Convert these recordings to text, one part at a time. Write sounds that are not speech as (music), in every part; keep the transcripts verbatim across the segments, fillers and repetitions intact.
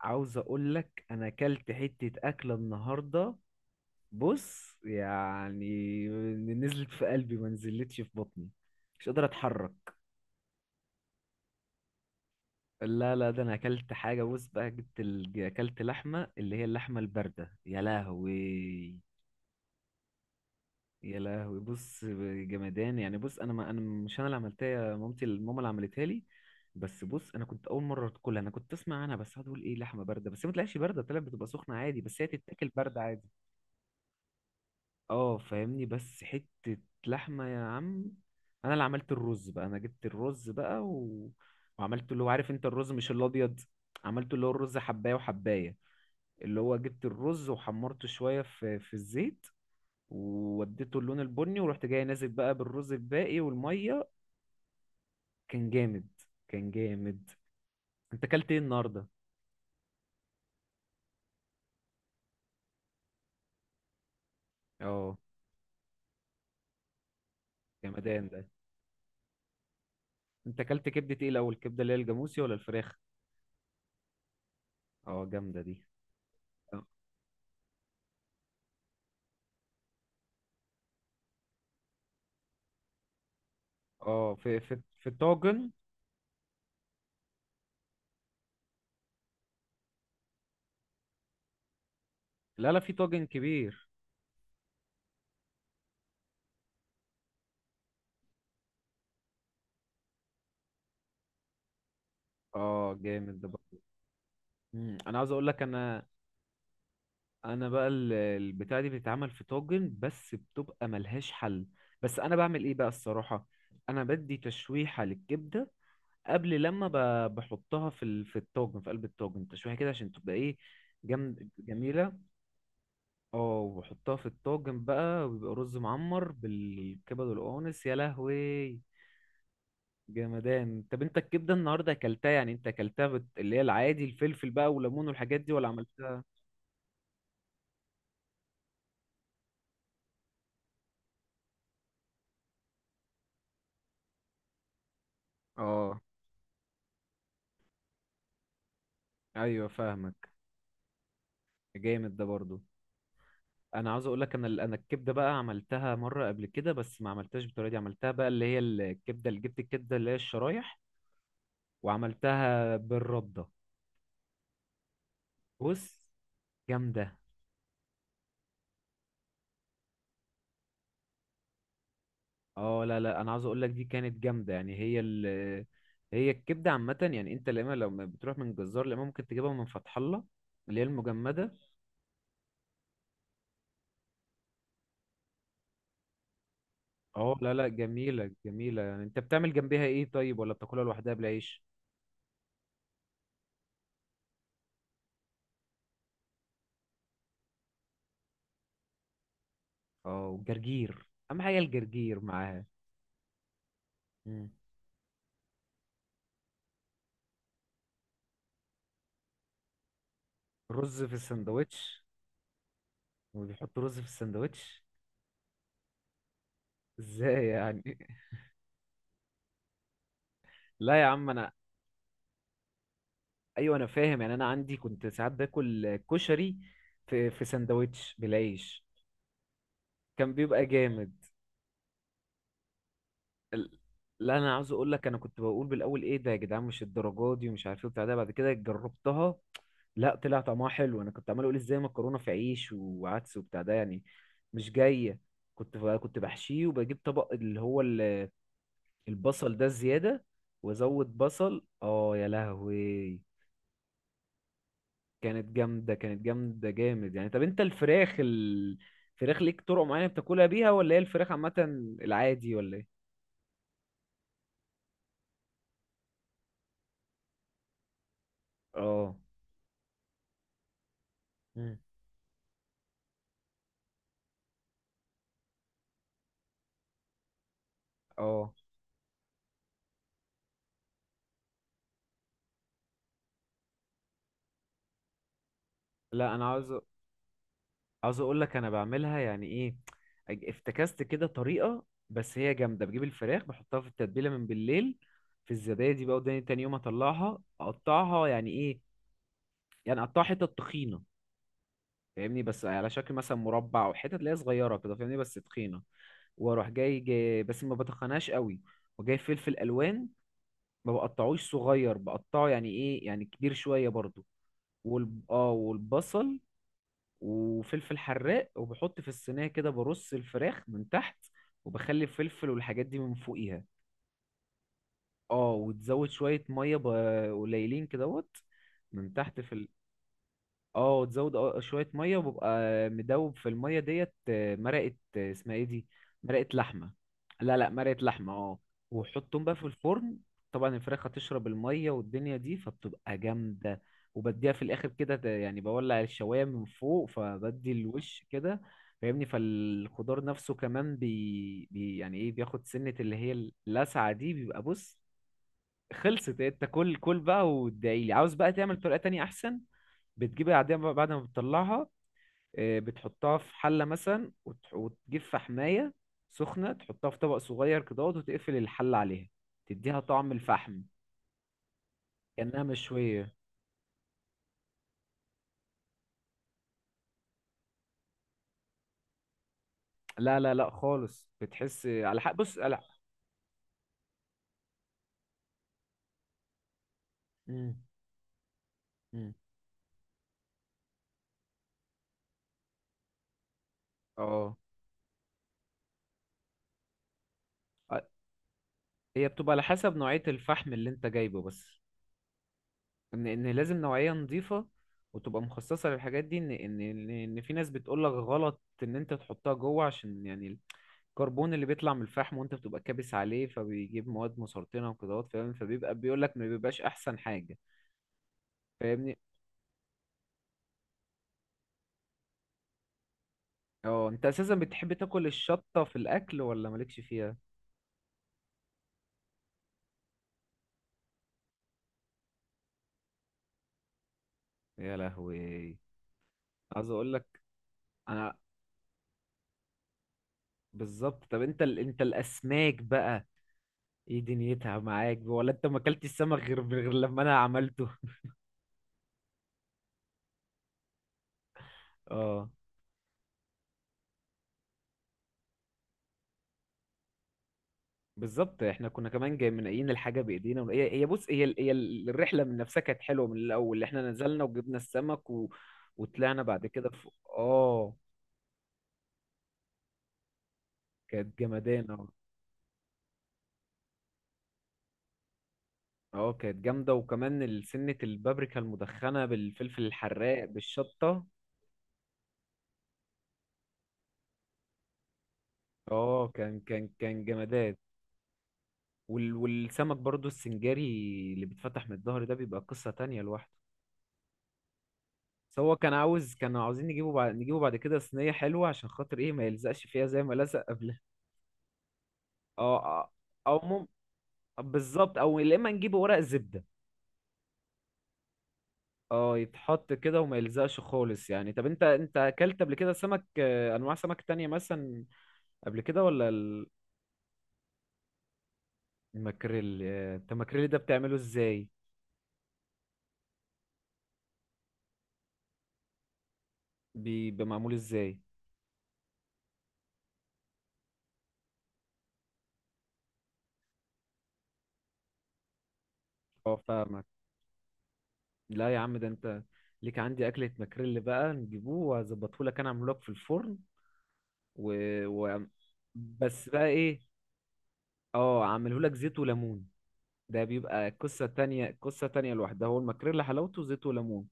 عاوز اقول لك انا اكلت حتة اكلة النهاردة. بص يعني. نزلت في قلبي، ما نزلتش في بطني. مش قادر اتحرك. لا لا، ده انا اكلت حاجة. بص بقى، جبت ال... اكلت لحمة، اللي هي اللحمة الباردة. يا لهوي، يا لهوي بص. جمدان يعني. بص انا ما انا مش انا اللي عملتها، يا مامتي الماما اللي عملتها لي. بس بص، انا كنت اول مره تاكلها. انا كنت اسمع عنها بس. هقعد اقول ايه، لحمه بارده، بس هي ما طلعتش بارده، طلعت بتبقى سخنه عادي، بس هي تتاكل بارده عادي. اه فاهمني، بس حتة لحمة يا عم. انا اللي عملت الرز بقى. انا جبت الرز بقى و... وعملته، اللي هو عارف انت، الرز مش الابيض. عملته اللي هو الرز حباية وحباية. اللي هو جبت الرز وحمرته شوية في في الزيت، ووديته اللون البني، ورحت جاي نازل بقى بالرز الباقي والمية. كان جامد، كان جامد. انت اكلت ايه النهاردة؟ اه جمدان ده. انت اكلت كبدة ايه الاول، الكبدة اللي هي الجاموسي ولا الفراخ؟ اه جامدة دي. اه في في في الطاجن. لا لا، في طاجن كبير. اه جامد ده برضه. مم، انا عاوز اقول لك انا. انا بقى ال- البتاعه دي بتتعمل في طاجن، بس بتبقى ملهاش حل. بس انا بعمل ايه بقى الصراحه. انا بدي تشويحه للكبده قبل لما ب- بحطها في ال- في الطاجن، في قلب الطاجن، تشويحه كده عشان تبقى ايه، جم... جميله. اه وبحطها في الطاجن بقى، وبيبقى رز معمر بالكبد والقوانص. يا لهوي جمدان. طب انت الكبده النهارده اكلتها، يعني انت اكلتها بت... اللي هي العادي، الفلفل بقى وليمون والحاجات دي، ولا عملتها؟ اه ايوه فاهمك. جامد ده برضو. انا عاوز اقول لك انا ال- انا الكبده بقى، عملتها مره قبل كده بس ما عملتهاش بالطريقه دي. عملتها بقى اللي هي الكبده، اللي جبت الكبده اللي هي الشرايح، وعملتها بالرده. بص جامده. اه لا لا، انا عاوز اقول لك دي كانت جامده يعني. هي ال... هي الكبده عامه يعني، انت لما لو بتروح من جزار، لما ممكن تجيبها من فتح الله، اللي هي المجمده. اه لا لا، جميلة جميلة يعني. انت بتعمل جنبها ايه طيب، ولا بتاكلها لوحدها بالعيش؟ اه والجرجير. اهم حاجة الجرجير معاها. مم. رز في السندوتش. وبيحط رز في السندوتش؟ ازاي يعني؟ (laughs) لا يا عم انا. ايوه انا فاهم يعني. انا عندي كنت ساعات باكل كشري في في سندوتش بالعيش. كان بيبقى جامد. لا انا عاوز اقول لك، انا كنت بقول بالاول ايه ده يا جدعان، مش الدرجات دي ومش عارف ايه وبتاع ده، بعد كده جربتها. لا طلع طعمها حلو. انا كنت عمال اقول ازاي مكرونه في عيش وعدس وبتاع ده يعني، مش جايه. كنت ب- كنت بحشيه وبجيب طبق اللي هو ال- البصل ده الزياده، وازود بصل. اه يا لهوي. كانت جامده، كانت جامده، جامد يعني. طب انت الفراخ ال- الفراخ ليك طرق معينه بتاكلها بيها، ولا هي الفراخ عامه العادي ولا ايه؟ اه مم. اه لا انا عاوز عاوز اقول لك انا بعملها يعني ايه، أج- افتكست كده طريقه بس هي جامده. بجيب الفراخ بحطها في التتبيله من بالليل في الزبادي بقى، وداني تاني يوم اطلعها اقطعها، يعني ايه، يعني اقطعها حتت تخينه. فاهمني، بس على شكل مثلا مربع او حتت اللي هي صغيره كده، فاهمني بس تخينه. واروح جاي, جاي بس ما بتخناش قوي، وجاي فلفل الوان، ما بقطعوش صغير، بقطعه يعني ايه، يعني كبير شويه برضو. وال... اه والبصل وفلفل حراق، وبحط في الصينية كده، برص الفراخ من تحت وبخلي الفلفل والحاجات دي من فوقيها. اه وتزود شوية مية ب- قليلين كدهوت من تحت في. اه وتزود اه شويه ميه وببقى مدوب في الميه ديت، آه، مرقه، آه، اسمها ايه دي، مرقه لحمه. لا لا، مرقه لحمه اه. وحطهم بقى في الفرن. طبعا الفراخ هتشرب الميه والدنيا دي، فبتبقى جامده. وبديها في الاخر كده، ت- يعني بولع الشوايه من فوق فبدي الوش كده، فاهمني. فالخضار نفسه كمان بي, بي يعني ايه، بياخد سنه اللي هي اللسعه دي، بيبقى بص. خلصت انت؟ كل كل بقى وادعيلي. عاوز بقى تعمل طريقه تانية احسن. بتجيب العادية بقى بعد ما بتطلعها، آه، بتحطها في حلة مثلا، وتح- وتجيب فحماية سخنة، تحطها في طبق صغير كده وتقفل الحلة عليها، تديها طعم الفحم، كأنها مشوية. لا لا لا، خالص. بتحس على حق، بص لا. مم، مم. اه آه، هي بتبقى على حسب نوعية الفحم اللي انت جايبه بس. ان ان لازم نوعية نظيفة وتبقى مخصصة للحاجات دي. ان ان ان إن في ناس بتقولك غلط ان انت تحطها جوه، عشان يعني كربون اللي بيطلع من الفحم وانت بتبقى كابس عليه، فبيجيب مواد مسرطنه وكده، فاهم، فبيبقى بيقول لك ما بيبقاش احسن حاجه. فاهمني. اه انت اساسا بتحب تاكل الشطه في الاكل، ولا مالكش فيها؟ يا لهوي. عايز اقول لك انا، بالظبط. طب انت ال... انت الاسماك بقى، ايه دنيتها معاك، ولا انت ما اكلتش السمك غير غير لما انا عملته؟ اه بالظبط، احنا كنا كمان جاي منقيين الحاجه بايدينا، ون- هي هي بص، هي ال- هي ال- الرحله من نفسها كانت حلوه. من الاول احنا نزلنا وجبنا السمك و... وطلعنا بعد كده في اه. كانت جمدانه اه. آه، كانت جامده. وكمان ال- سنه البابريكا المدخنه بالفلفل الحراق بالشطه. اه كان كان كان جمدان. وال... والسمك برضو السنجاري، اللي بيتفتح من الظهر ده، بيبقى قصه تانية لوحده. بس هو كان عاوز، كانوا عاوزين نجيبه بعد نجيبه بعد كده صينيه حلوه، عشان خاطر ايه، ما يلزقش فيها زي ما لزق قبل. اه او مم... بالظبط. او يا اما نجيب ورق زبده. اه يتحط كده وما يلزقش خالص يعني. طب انت انت اكلت قبل كده سمك، آه، انواع سمك تانية مثلا قبل كده، ولا ال- الماكريل، آه، انت الماكريل ده بتعمله ازاي، بي- بيبقى معمول ازاي؟ اه فاهمك. لا يا عم ده انت ليك عندي اكله ماكريل بقى، نجيبوه واظبطه لك. انا اعمله لك في الفرن و... و... بس بقى ايه، اه اعمله لك زيت وليمون. ده بيبقى قصة تانية، قصة تانية لوحدها. هو الماكريلا حلاوته زيت وليمون،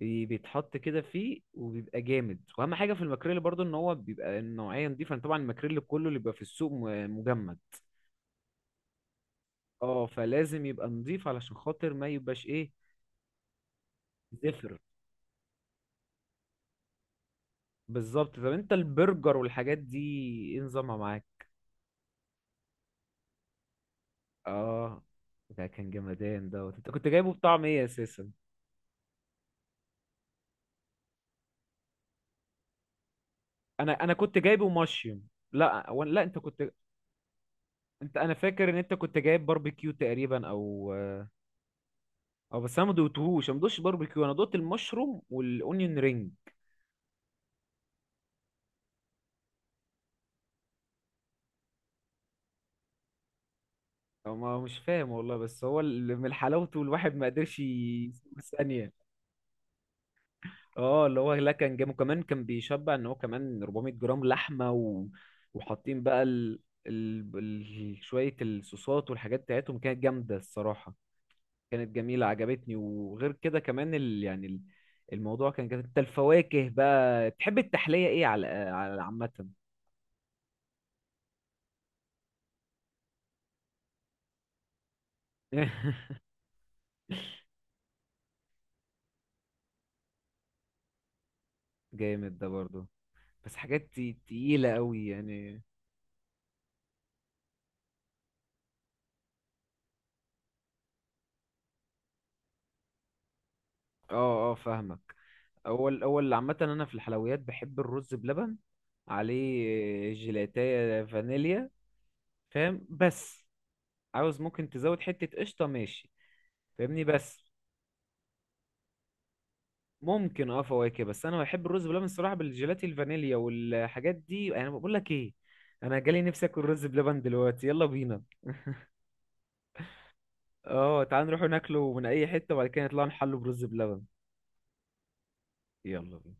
ي- بيتحط كده فيه وبيبقى جامد. واهم حاجة في الماكريلا برضو، ان هو بيبقى النوعية نضيفة. أنا طبعا الماكريلا كله اللي بيبقى في السوق م- مجمد. اه فلازم يبقى نضيف علشان خاطر ما يبقاش ايه، زفر. بالظبط. طب انت البرجر والحاجات دي، ايه نظامها معاك؟ اه ده كان جمدان دوت. انت كنت جايبه بطعم ايه اساسا؟ انا انا كنت جايبه مشيوم. لا ولا لا انت كنت. انت انا فاكر ان انت كنت جايب باربيكيو تقريبا، او. او بس انا ما دوقتهوش انا ما دوقتش باربيكيو، انا دوقت المشروم والاونيون رينج. او ما مش فاهم والله. بس هو اللي من حلاوته الواحد ما قدرش يسيبه ثانيه. اه اللي هو لا، كان جامد، وكمان كان بيشبع، ان هو كمان 400 جرام لحمه و... وحاطين بقى ال... ال... ال... شويه الصوصات والحاجات بتاعتهم، كانت جامده الصراحه. كانت جميلة عجبتني. وغير كده كمان ال... يعني ال- الموضوع كان جميل. انت الفواكه بقى، تحب التحلية ايه، على على عامة؟ (laughs) جامد ده برضو. بس حاجات تي- تقيلة قوي يعني. اه اه فاهمك. اول اول عامة انا في الحلويات بحب الرز بلبن، عليه جيلاتية فانيليا. فاهم بس، عاوز ممكن تزود حتة قشطة ماشي. فاهمني بس. ممكن اه فواكه، بس انا بحب الرز بلبن الصراحه بالجيلاتي الفانيليا والحاجات دي. انا بقول لك ايه، انا جالي نفسي اكل رز بلبن دلوقتي، يلا بينا. اه تعال نروح ناكله من اي حته وبعد كده نطلع نحله برز بلبن. يلا بينا.